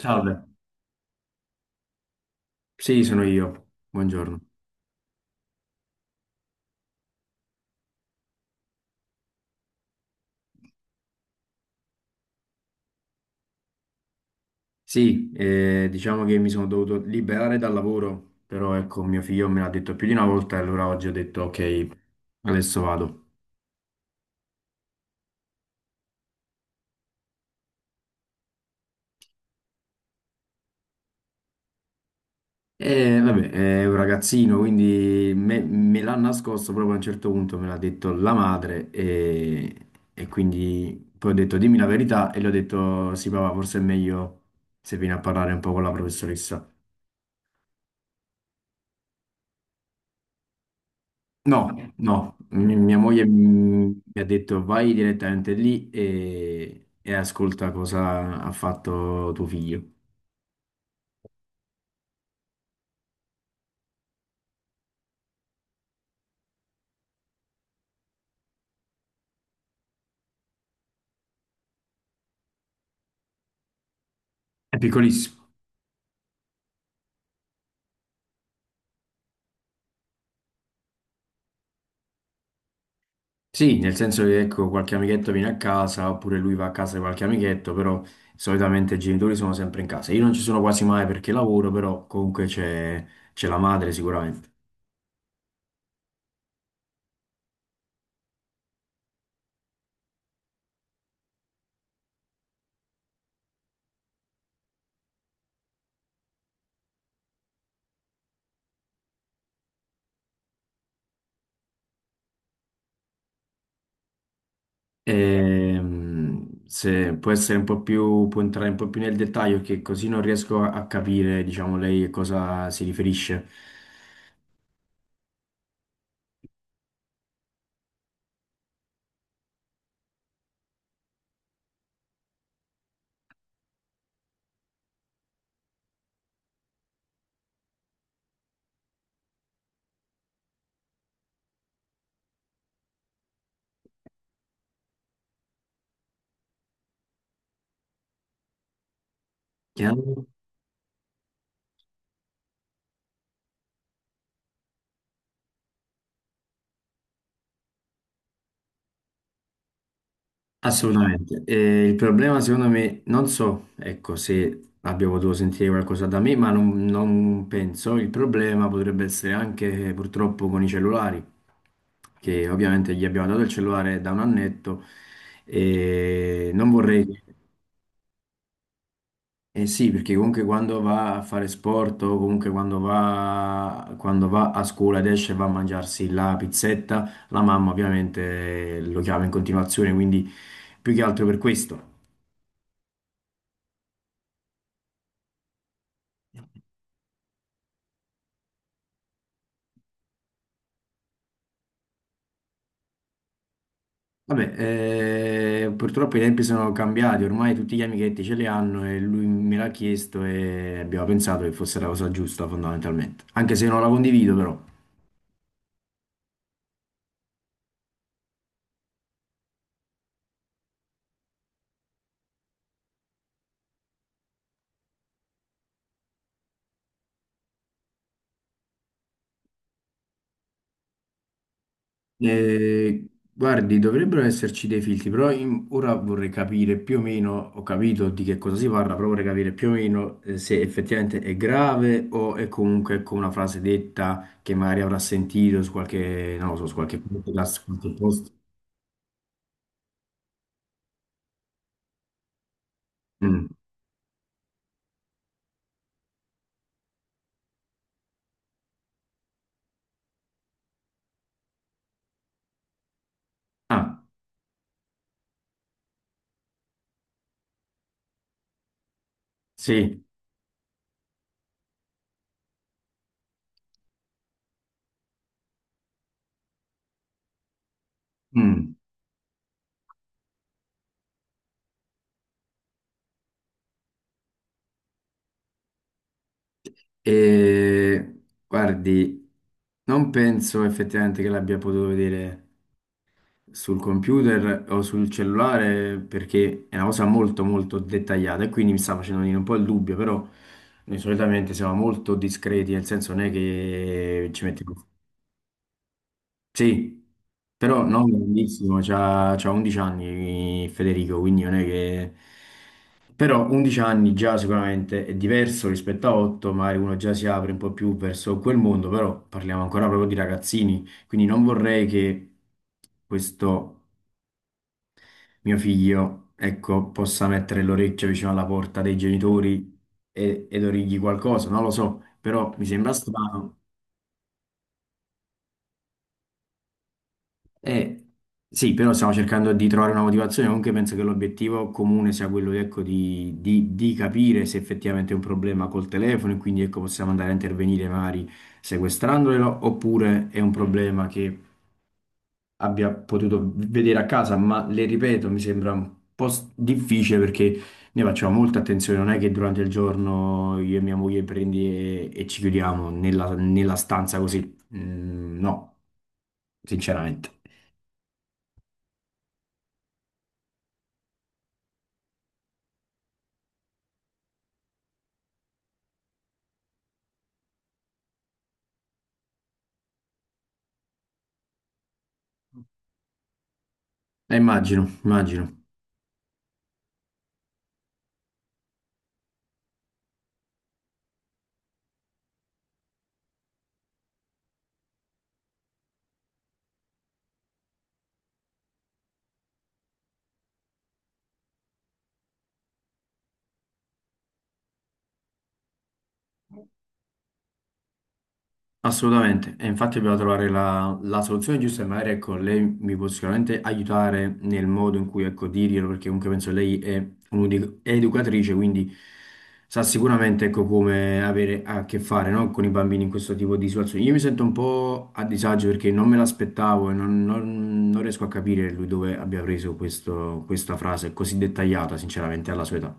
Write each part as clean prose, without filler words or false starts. Salve, sì, sono io. Buongiorno. Sì, diciamo che mi sono dovuto liberare dal lavoro, però ecco, mio figlio me l'ha detto più di una volta e allora oggi ho detto ok, adesso vado. E vabbè, è un ragazzino, quindi me l'ha nascosto proprio a un certo punto, me l'ha detto la madre e quindi poi ho detto dimmi la verità e gli ho detto sì papà, forse è meglio se vieni a parlare un po' con la professoressa. No, no, mia moglie, mi ha detto vai direttamente lì e ascolta cosa ha fatto tuo figlio. È piccolissimo. Sì, nel senso che ecco, qualche amichetto viene a casa oppure lui va a casa di qualche amichetto, però solitamente i genitori sono sempre in casa. Io non ci sono quasi mai perché lavoro, però comunque c'è la madre sicuramente. Se può essere un po' più, può entrare un po' più nel dettaglio, che così non riesco a capire, diciamo, lei a cosa si riferisce. Chiaro? Assolutamente. E il problema, secondo me, non so, ecco, se abbia potuto sentire qualcosa da me, ma non penso. Il problema potrebbe essere anche purtroppo con i cellulari, che ovviamente gli abbiamo dato il cellulare da un annetto e non vorrei. Mm. Eh sì, perché comunque quando va a fare sport o comunque quando va a scuola ed esce e va a mangiarsi la pizzetta, la mamma ovviamente lo chiama in continuazione, quindi più che altro per questo. Vabbè, purtroppo i tempi sono cambiati, ormai tutti gli amichetti ce li hanno e lui me l'ha chiesto e abbiamo pensato che fosse la cosa giusta fondamentalmente, anche se non la condivido però. Guardi, dovrebbero esserci dei filtri, però ora vorrei capire più o meno, ho capito di che cosa si parla, però vorrei capire più o meno se effettivamente è grave o è comunque ecco, una frase detta che magari avrà sentito su qualche, non lo so, su qualche podcast, su qualche post. Mm. Ah, sì. Mm. Eh, guardi, non penso effettivamente che l'abbia potuto vedere sul computer o sul cellulare, perché è una cosa molto molto dettagliata e quindi mi sta facendo venire un po' il dubbio, però noi solitamente siamo molto discreti, nel senso non è che ci mettiamo... Sì, però non grandissimo, c'ha 11 anni Federico, quindi non è che... Però 11 anni già sicuramente è diverso rispetto a 8, magari uno già si apre un po' più verso quel mondo, però parliamo ancora proprio di ragazzini, quindi non vorrei che questo mio figlio, ecco, possa mettere l'orecchio vicino alla porta dei genitori ed origli qualcosa, non lo so, però mi sembra strano. Eh, sì, però stiamo cercando di trovare una motivazione, comunque penso che l'obiettivo comune sia quello, ecco, di capire se effettivamente è un problema col telefono e quindi, ecco, possiamo andare a intervenire magari sequestrandolo, oppure è un problema che abbia potuto vedere a casa, ma le ripeto, mi sembra un po' difficile perché noi facciamo molta attenzione, non è che durante il giorno io e mia moglie prendi e ci chiudiamo nella, nella stanza così. Mm, no, sinceramente. Immagino, immagino. Assolutamente, e infatti dobbiamo trovare la soluzione giusta e magari ecco, lei mi può sicuramente aiutare nel modo in cui ecco, dirglielo, perché comunque penso lei è un'educatrice, quindi sa sicuramente ecco, come avere a che fare no, con i bambini in questo tipo di situazioni. Io mi sento un po' a disagio perché non me l'aspettavo e non riesco a capire lui dove abbia preso questa frase così dettagliata, sinceramente, alla sua età.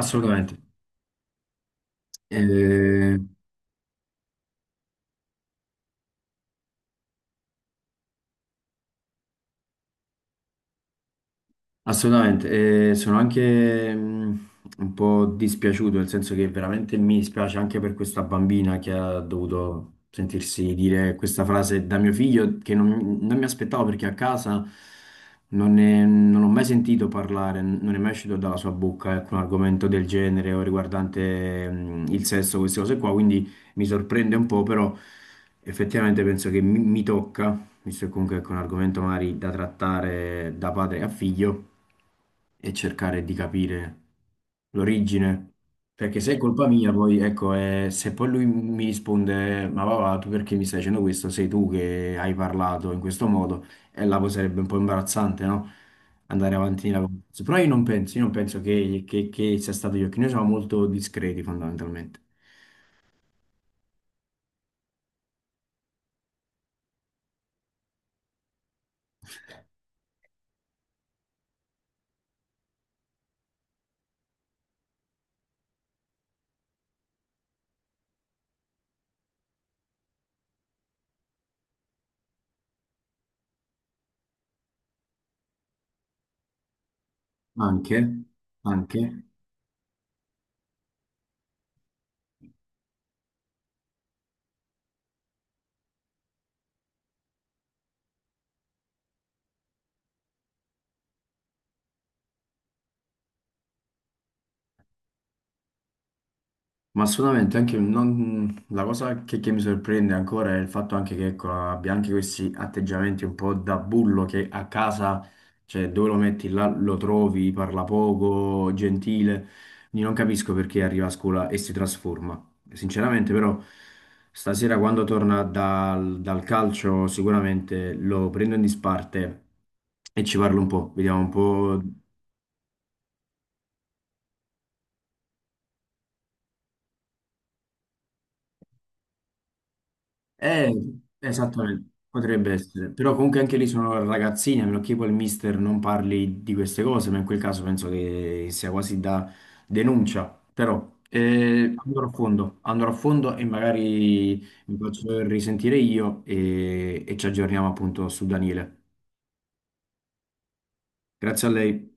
Assolutamente. Eh, Assolutamente, e sono anche un po' dispiaciuto, nel senso che veramente mi dispiace anche per questa bambina che ha dovuto sentirsi dire questa frase da mio figlio, che non mi aspettavo perché a casa non ho mai sentito parlare, non è mai uscito dalla sua bocca alcun argomento del genere o riguardante il sesso, queste cose qua, quindi mi sorprende un po', però effettivamente penso che mi tocca, visto che comunque è un argomento magari da trattare da padre a figlio, e cercare di capire l'origine. Perché se è colpa mia, poi ecco, se poi lui mi risponde, ma papà, tu perché mi stai dicendo questo? Sei tu che hai parlato in questo modo, e là poi sarebbe un po' imbarazzante, no? Andare avanti nella conversazione. Però io non penso che sia stato io, che noi siamo molto discreti fondamentalmente. Anche, anche. Ma assolutamente, anche non- la cosa che mi sorprende ancora è il fatto anche che ecco, abbia anche questi atteggiamenti un po' da bullo, che a casa, cioè dove lo metti là lo trovi, parla poco, gentile. Quindi non capisco perché arriva a scuola e si trasforma. Sinceramente, però, stasera quando torna dal calcio, sicuramente lo prendo in disparte e ci parlo un po', vediamo un po'. Eh, esattamente, potrebbe essere, però comunque anche lì sono ragazzini, a meno che poi il mister non parli di queste cose, ma in quel caso penso che sia quasi da denuncia, però andrò a fondo e magari mi faccio risentire io e ci aggiorniamo appunto su Daniele. Grazie a lei.